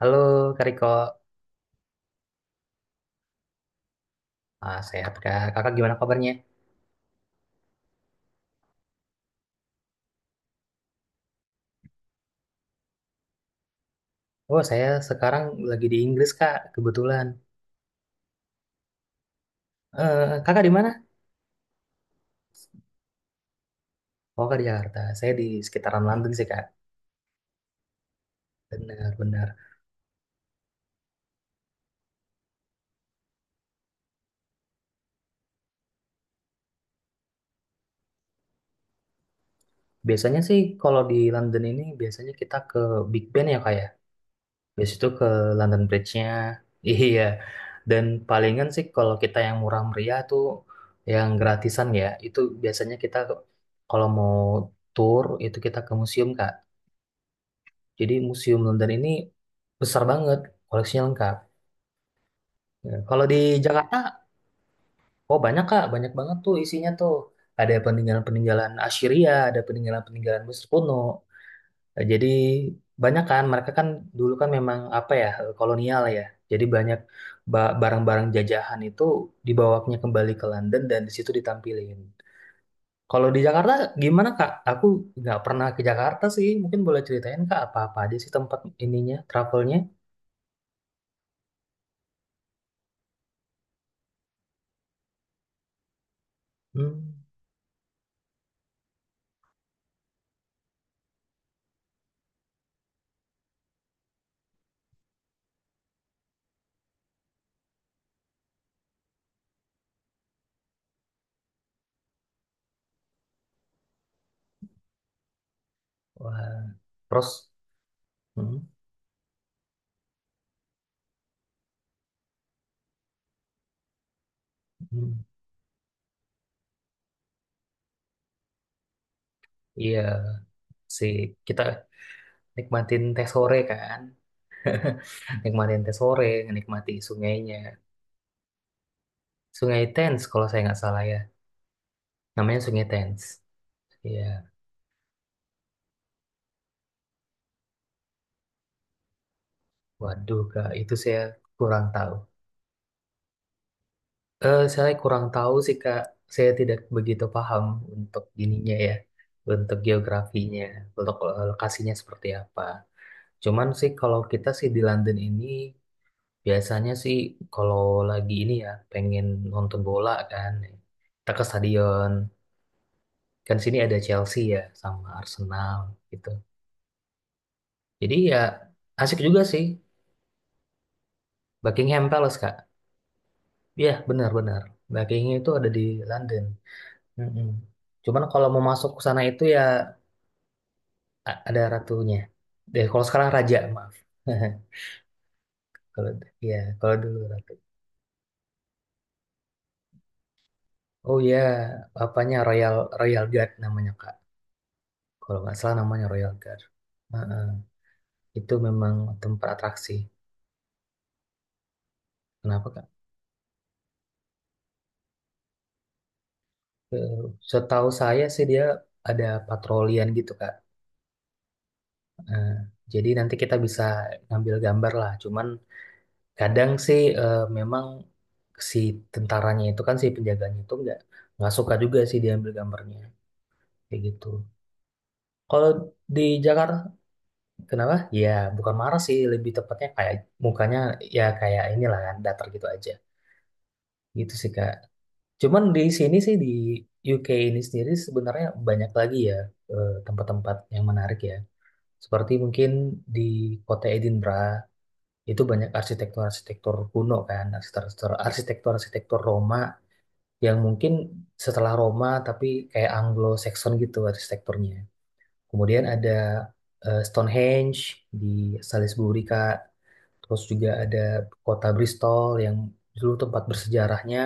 Halo Kak Riko, sehat Kak. Kakak gimana kabarnya? Oh saya sekarang lagi di Inggris Kak, kebetulan. Kakak di mana? Oh Kak di Jakarta. Saya di sekitaran London sih Kak. Benar-benar. Biasanya sih kalau di London ini biasanya kita ke Big Ben ya Kak ya. Biasa itu ke London Bridge-nya. Iya. Dan palingan sih kalau kita yang murah meriah tuh yang gratisan ya. Itu biasanya kita kalau mau tour itu kita ke museum Kak. Jadi Museum London ini besar banget, koleksinya lengkap. Ya, kalau di Jakarta, oh banyak Kak, banyak banget tuh isinya tuh. Ada peninggalan-peninggalan Assyria, ada peninggalan-peninggalan Mesir kuno. Jadi banyak kan, mereka kan dulu kan memang apa ya, kolonial ya. Jadi banyak barang-barang jajahan itu dibawanya kembali ke London dan di situ ditampilin. Kalau di Jakarta gimana Kak? Aku nggak pernah ke Jakarta sih. Mungkin boleh ceritain Kak apa-apa aja sih tempat ininya, travelnya? Hmm. Wah, terus hmm, hmm, iya sih kita nikmatin teh sore kan, nikmatin teh sore, nikmati sungainya, Sungai Thames kalau saya nggak salah ya, namanya Sungai Thames. Iya, waduh kak, itu saya kurang tahu. Saya kurang tahu sih kak, saya tidak begitu paham untuk ininya ya, untuk geografinya, untuk lokasinya seperti apa. Cuman sih kalau kita sih di London ini biasanya sih kalau lagi ini ya pengen nonton bola kan, kita ke stadion. Kan sini ada Chelsea ya sama Arsenal gitu. Jadi ya asik juga sih Buckingham Palace Kak. Iya benar-benar. Buckingham itu ada di London. Mm-mm. Cuman kalau mau masuk ke sana itu ya ada ratunya. Deh, kalau sekarang raja, maaf. Kalau ya kalau dulu ratu. Oh ya, apanya Royal Royal Guard namanya Kak. Kalau nggak salah namanya Royal Guard. Heeh. Itu memang tempat atraksi. Kenapa, Kak? Eh, Setahu saya sih dia ada patrolian gitu, Kak. Eh, jadi nanti kita bisa ngambil gambar lah. Cuman kadang sih memang si tentaranya itu kan si penjaganya itu nggak suka juga sih diambil gambarnya kayak gitu. Kalau di Jakarta kenapa? Ya bukan marah sih, lebih tepatnya kayak mukanya ya kayak inilah kan datar gitu aja. Gitu sih, Kak. Cuman di sini sih di UK ini sendiri sebenarnya banyak lagi ya tempat-tempat yang menarik ya. Seperti mungkin di kota Edinburgh itu banyak arsitektur-arsitektur kuno kan, arsitektur-arsitektur Roma yang mungkin setelah Roma tapi kayak Anglo-Saxon gitu arsitekturnya. Kemudian ada Stonehenge di Salisbury Kak. Terus juga ada kota Bristol yang dulu tempat bersejarahnya,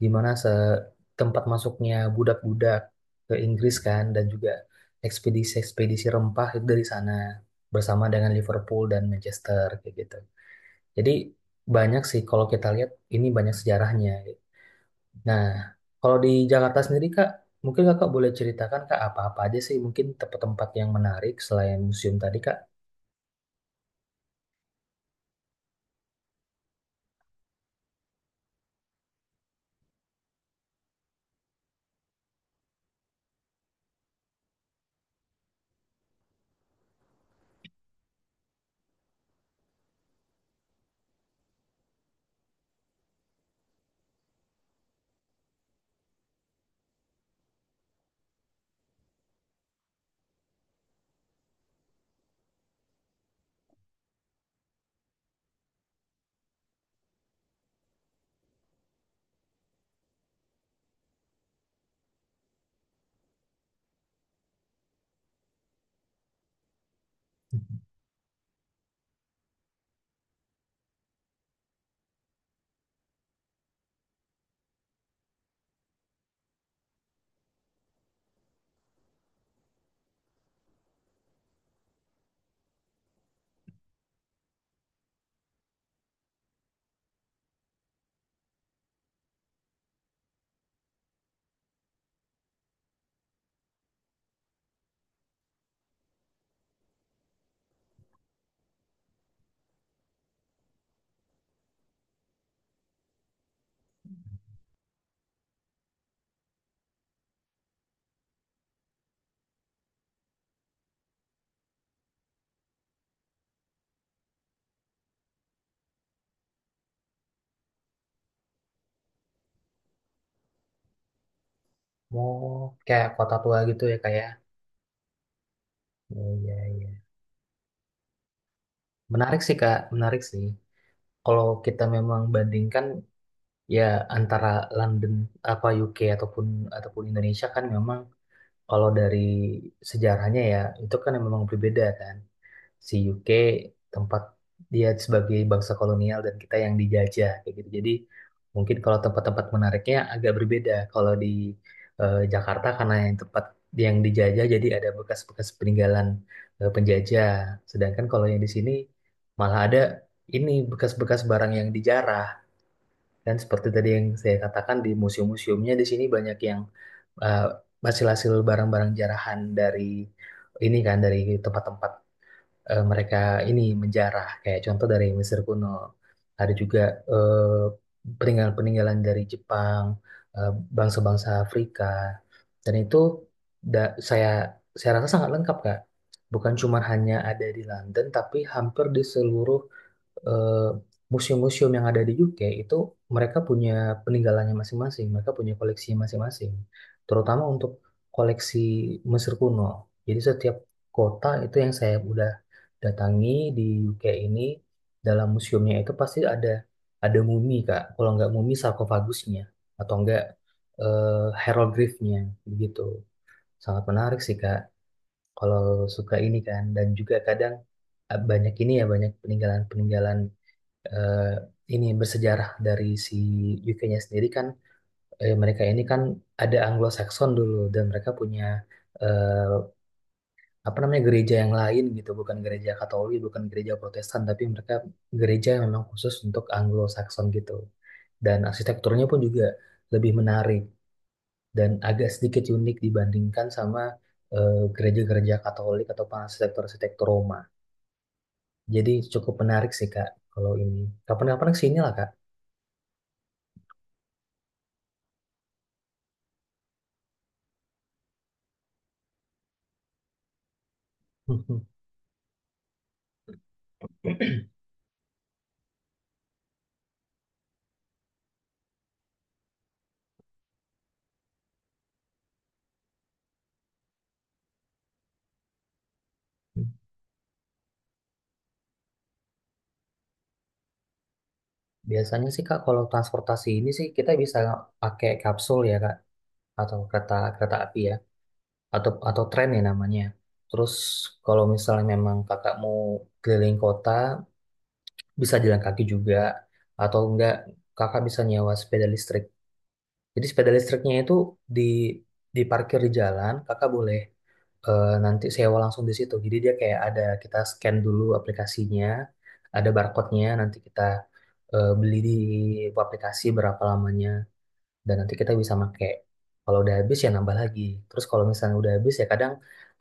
di mana tempat masuknya budak-budak ke Inggris kan, dan juga ekspedisi-ekspedisi rempah itu dari sana bersama dengan Liverpool dan Manchester kayak gitu. Jadi banyak sih kalau kita lihat ini banyak sejarahnya. Nah, kalau di Jakarta sendiri Kak, mungkin Kakak boleh ceritakan Kak apa-apa aja sih mungkin tempat-tempat yang menarik selain museum tadi Kak. Mau kayak kota tua gitu ya kayak iya, iya, iya. Menarik sih, Kak. Menarik sih. Kalau kita memang bandingkan ya antara London apa UK ataupun ataupun Indonesia kan memang kalau dari sejarahnya ya itu kan memang berbeda kan. Si UK tempat dia sebagai bangsa kolonial dan kita yang dijajah kayak gitu. Jadi mungkin kalau tempat-tempat menariknya agak berbeda. Kalau di Jakarta karena yang tempat yang dijajah jadi ada bekas-bekas peninggalan penjajah. Sedangkan kalau yang di sini malah ada ini bekas-bekas barang yang dijarah. Dan seperti tadi yang saya katakan di museum-museumnya di sini banyak yang eh, hasil-hasil barang-barang jarahan dari ini kan dari tempat-tempat mereka ini menjarah kayak contoh dari Mesir kuno, ada juga eh, peninggalan-peninggalan dari Jepang, eh, bangsa-bangsa Afrika, dan itu da- saya saya rasa sangat lengkap Kak, bukan cuma hanya ada di London tapi hampir di seluruh eh, museum-museum yang ada di UK itu mereka punya peninggalannya masing-masing, mereka punya koleksi masing-masing, terutama untuk koleksi Mesir kuno. Jadi setiap kota itu yang saya udah datangi di UK ini dalam museumnya itu pasti ada mumi Kak. Kalau nggak mumi sarkofagusnya atau enggak hieroglifnya begitu. Sangat menarik sih Kak. Kalau suka ini kan dan juga kadang banyak ini ya banyak peninggalan-peninggalan eh, ini bersejarah dari si UK-nya sendiri kan, mereka ini kan ada Anglo-Saxon dulu dan mereka punya eh, apa namanya gereja yang lain gitu, bukan gereja Katolik bukan gereja Protestan, tapi mereka gereja yang memang khusus untuk Anglo-Saxon gitu. Dan arsitekturnya pun juga lebih menarik dan agak sedikit unik dibandingkan sama gereja-gereja Katolik atau arsitektur-arsitektur Roma. Jadi cukup menarik sih Kak, kalau ini kapan-kapan kesini lah Kak. Biasanya sih Kak, kalau transportasi ini sih kita bisa pakai kapsul ya Kak, atau kereta kereta api ya, atau tren ya namanya. Terus kalau misalnya memang kakak mau keliling kota, bisa jalan kaki juga atau enggak kakak bisa nyewa sepeda listrik. Jadi sepeda listriknya itu di diparkir di jalan, kakak boleh nanti sewa langsung di situ. Jadi dia kayak ada kita scan dulu aplikasinya, ada barcode-nya, nanti kita beli di aplikasi berapa lamanya dan nanti kita bisa pakai. Kalau udah habis ya nambah lagi. Terus kalau misalnya udah habis ya kadang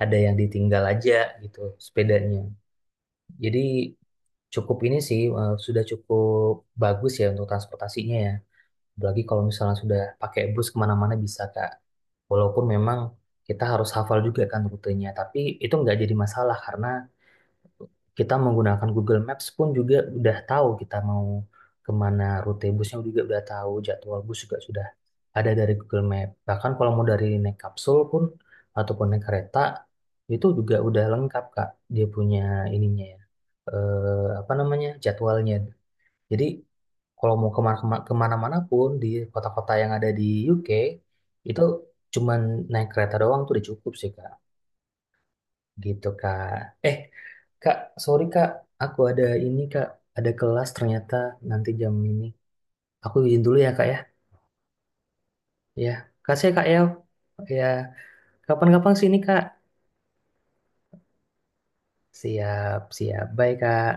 ada yang ditinggal aja gitu sepedanya. Jadi cukup ini sih sudah cukup bagus ya untuk transportasinya ya. Apalagi kalau misalnya sudah pakai bus kemana-mana bisa Kak, walaupun memang kita harus hafal juga kan rutenya, tapi itu nggak jadi masalah karena kita menggunakan Google Maps pun juga udah tahu kita mau kemana, rute busnya juga udah tahu, jadwal bus juga sudah ada dari Google Map. Bahkan kalau mau dari naik kapsul pun ataupun naik kereta itu juga udah lengkap Kak, dia punya ininya ya apa namanya jadwalnya. Jadi kalau mau kemana-mana pun di kota-kota yang ada di UK itu cuman naik kereta doang tuh udah cukup sih Kak. Gitu, Kak. Eh, Kak, sorry, Kak. Aku ada ini, Kak. Ada kelas ternyata nanti jam ini. Aku izin dulu ya, Kak, ya. Ya. Kasih, ya, Kak, ya. Ya. Kapan-kapan sini, Kak. Siap, siap. Bye, Kak.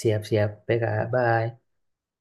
Siap, siap. Bye, Kak. Bye.